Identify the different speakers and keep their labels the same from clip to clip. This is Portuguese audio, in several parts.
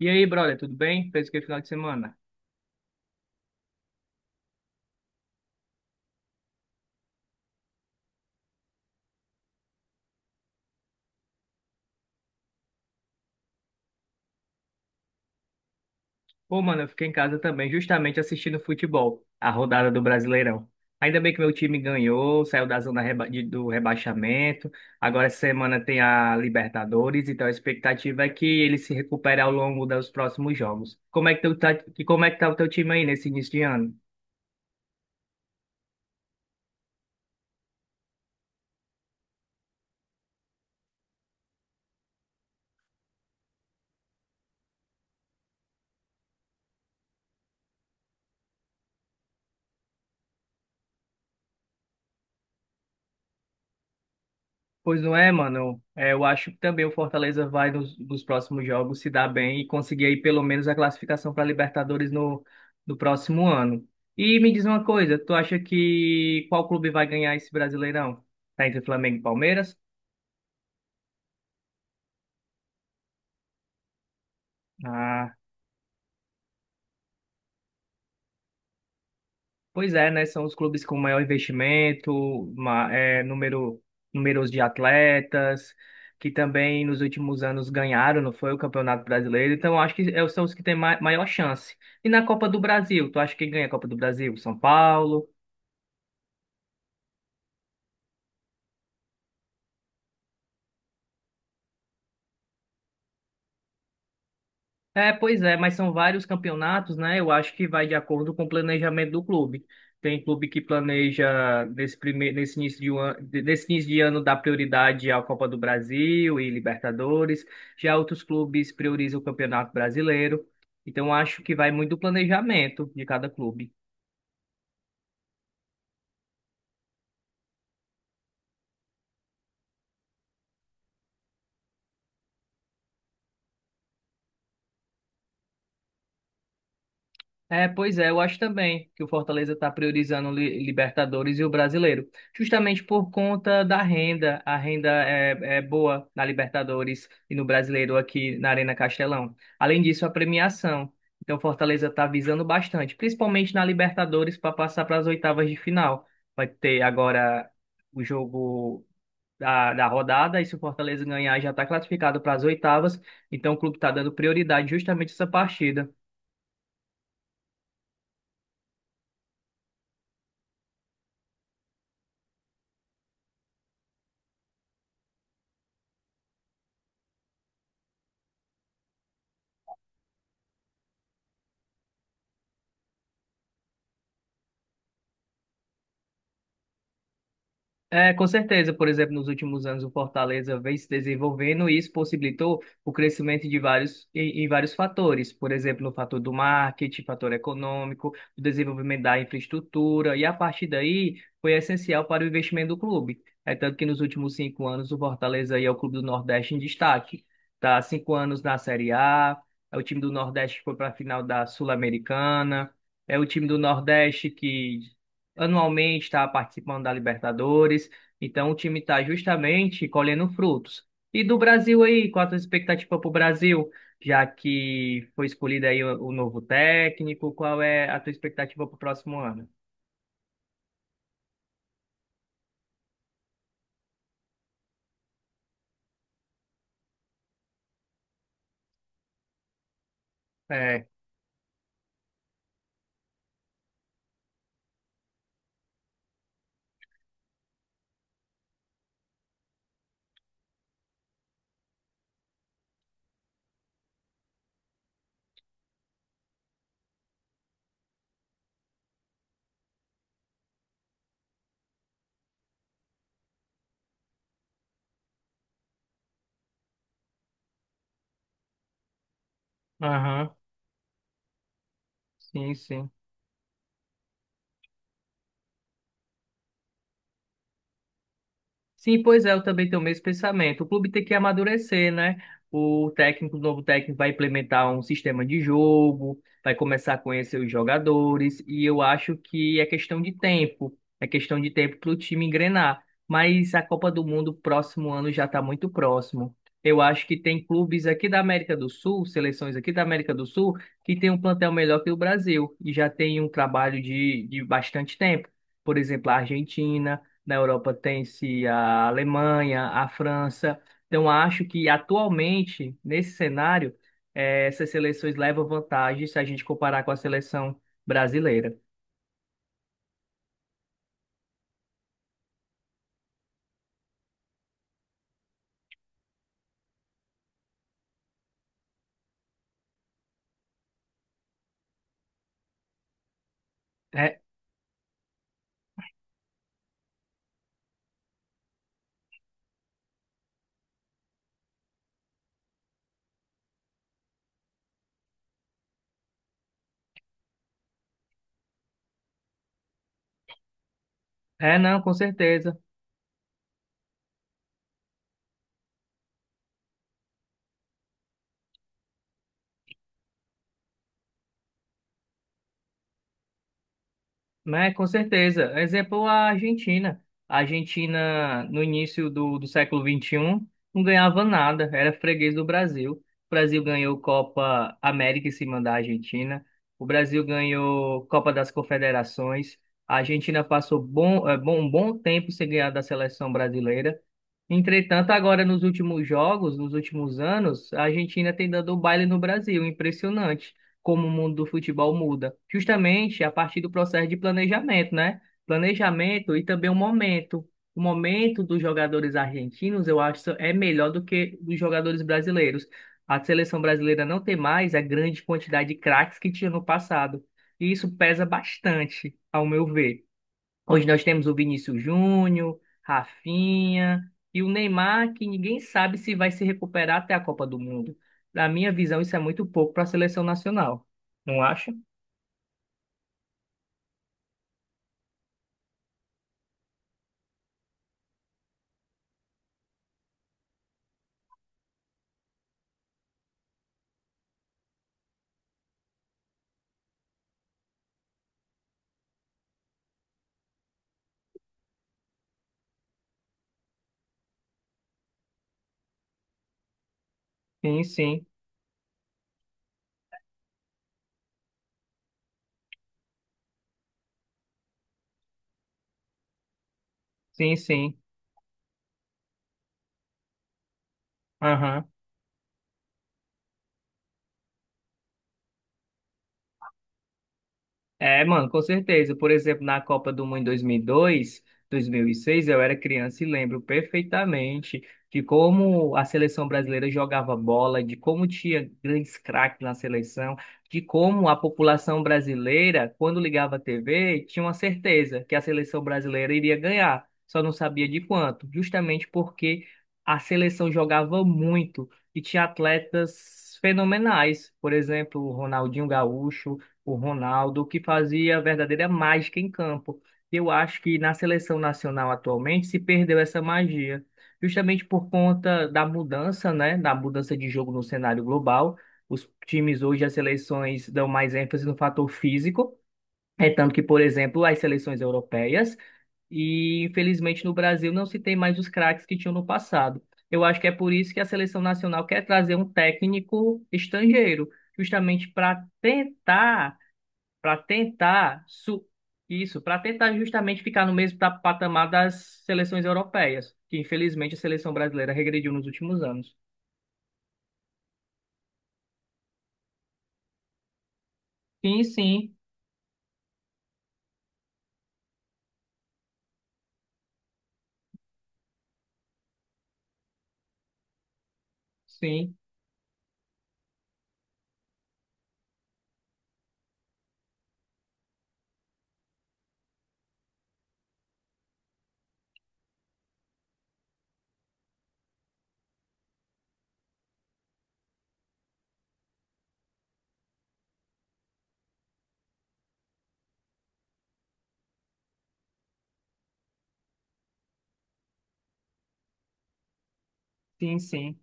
Speaker 1: E aí, brother, tudo bem? Fez o que final de semana? Pô, mano, eu fiquei em casa também, justamente assistindo futebol, a rodada do Brasileirão. Ainda bem que meu time ganhou, saiu da zona do rebaixamento. Agora essa semana tem a Libertadores, então a expectativa é que ele se recupere ao longo dos próximos jogos. Como é que tu tá, e como é que tá o teu time aí nesse início de ano? Pois não é, mano. É, eu acho que também o Fortaleza vai nos próximos jogos se dar bem e conseguir aí pelo menos a classificação para Libertadores no próximo ano. E me diz uma coisa, tu acha que qual clube vai ganhar esse Brasileirão? Tá entre Flamengo e Palmeiras? Ah. Pois é, né? São os clubes com maior investimento, ma- é, número, números de atletas, que também nos últimos anos ganharam, não foi, o Campeonato Brasileiro. Então, acho que são os que têm maior chance. E na Copa do Brasil, tu acha que ganha a Copa do Brasil? São Paulo? É, pois é, mas são vários campeonatos, né? Eu acho que vai de acordo com o planejamento do clube. Tem clube que planeja nesse primeiro, nesse início de, um an- de- nesse início de ano dá prioridade à Copa do Brasil e Libertadores. Já outros clubes priorizam o Campeonato Brasileiro. Então acho que vai muito do planejamento de cada clube. É, pois é, eu acho também que o Fortaleza está priorizando Libertadores e o Brasileiro, justamente por conta da renda. A renda é boa na Libertadores e no Brasileiro aqui na Arena Castelão. Além disso, a premiação. Então, o Fortaleza está visando bastante, principalmente na Libertadores, para passar para as oitavas de final. Vai ter agora o jogo da rodada, e se o Fortaleza ganhar, já está classificado para as oitavas. Então, o clube está dando prioridade justamente a essa partida. É, com certeza, por exemplo, nos últimos anos o Fortaleza vem se desenvolvendo e isso possibilitou o crescimento de vários, em vários fatores, por exemplo, no fator do marketing, fator econômico, o desenvolvimento da infraestrutura, e a partir daí foi essencial para o investimento do clube. É tanto que nos últimos cinco anos o Fortaleza aí é o clube do Nordeste em destaque. Tá há cinco anos na Série A, é o time do Nordeste que foi para a final da Sul-Americana, é o time do Nordeste que anualmente está participando da Libertadores, então o time está justamente colhendo frutos. E do Brasil aí, qual a tua expectativa para o Brasil, já que foi escolhido aí o novo técnico, qual é a tua expectativa para o próximo ano? É, aham, sim, sim. Sim, pois é, eu também tenho o mesmo pensamento. O clube tem que amadurecer, né? O técnico, o novo técnico vai implementar um sistema de jogo, vai começar a conhecer os jogadores, e eu acho que é questão de tempo, é questão de tempo para o time engrenar. Mas a Copa do Mundo próximo ano já está muito próximo. Eu acho que tem clubes aqui da América do Sul, seleções aqui da América do Sul, que tem um plantel melhor que o Brasil e já tem um trabalho de bastante tempo. Por exemplo, a Argentina. Na Europa tem-se a Alemanha, a França. Então, acho que atualmente, nesse cenário, essas seleções levam vantagem se a gente comparar com a seleção brasileira. É, não, com certeza. Né, com certeza. Exemplo, a Argentina. A Argentina, no início do século XXI não ganhava nada, era freguês do Brasil. O Brasil ganhou Copa América em cima da Argentina. O Brasil ganhou Copa das Confederações. A Argentina passou bom, um bom tempo sem ganhar da seleção brasileira. Entretanto, agora nos últimos jogos, nos últimos anos, a Argentina tem dado o baile no Brasil. Impressionante como o mundo do futebol muda. Justamente a partir do processo de planejamento, né? Planejamento e também o momento. O momento dos jogadores argentinos, eu acho, é melhor do que dos jogadores brasileiros. A seleção brasileira não tem mais a grande quantidade de craques que tinha no passado. E isso pesa bastante, ao meu ver. Hoje nós temos o Vinícius Júnior, Rafinha e o Neymar, que ninguém sabe se vai se recuperar até a Copa do Mundo. Na minha visão, isso é muito pouco para a seleção nacional. Não acha? Sim, sim. Sim, sim. Aham. É, mano, com certeza. Por exemplo, na Copa do Mundo em 2002, 2006, eu era criança e lembro perfeitamente de como a seleção brasileira jogava bola, de como tinha grandes craques na seleção, de como a população brasileira, quando ligava a TV, tinha uma certeza que a seleção brasileira iria ganhar, só não sabia de quanto, justamente porque a seleção jogava muito e tinha atletas fenomenais, por exemplo, o Ronaldinho Gaúcho, o Ronaldo, que fazia a verdadeira mágica em campo. Eu acho que na seleção nacional atualmente se perdeu essa magia, justamente por conta da mudança, né, da mudança de jogo no cenário global. Os times hoje, as seleções dão mais ênfase no fator físico. É tanto que, por exemplo, as seleções europeias e, infelizmente, no Brasil não se tem mais os craques que tinham no passado. Eu acho que é por isso que a seleção nacional quer trazer um técnico estrangeiro, justamente para tentar isso, para tentar justamente ficar no mesmo patamar das seleções europeias, que infelizmente a seleção brasileira regrediu nos últimos anos. Sim, sim, sim, sim, sim.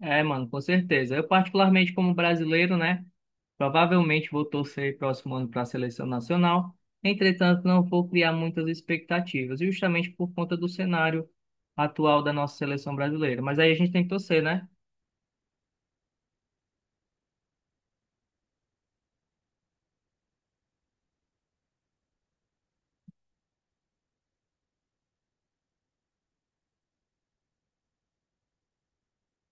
Speaker 1: É, mano, com certeza. Eu particularmente como brasileiro, né, provavelmente vou torcer próximo ano para a seleção nacional. Entretanto, não vou criar muitas expectativas, justamente por conta do cenário atual da nossa seleção brasileira. Mas aí a gente tem que torcer, né?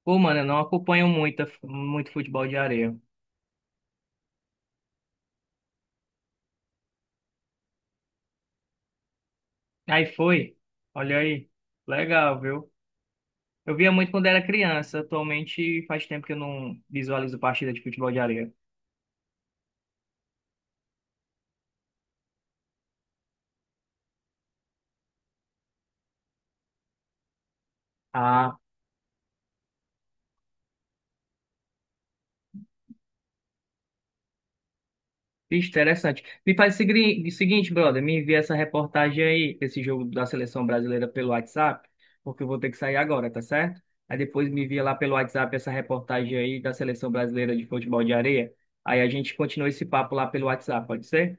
Speaker 1: Pô, mano, eu não acompanho muito, muito futebol de areia. Aí foi. Olha aí. Legal, viu? Eu via muito quando era criança. Atualmente faz tempo que eu não visualizo partida de futebol de areia. Ah, bicho, interessante. Me faz o o seguinte, brother. Me envia essa reportagem aí, esse jogo da seleção brasileira pelo WhatsApp, porque eu vou ter que sair agora, tá certo? Aí depois me envia lá pelo WhatsApp essa reportagem aí da seleção brasileira de futebol de areia. Aí a gente continua esse papo lá pelo WhatsApp, pode ser?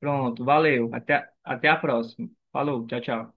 Speaker 1: Pronto, valeu. Até, até a próxima. Falou, tchau, tchau.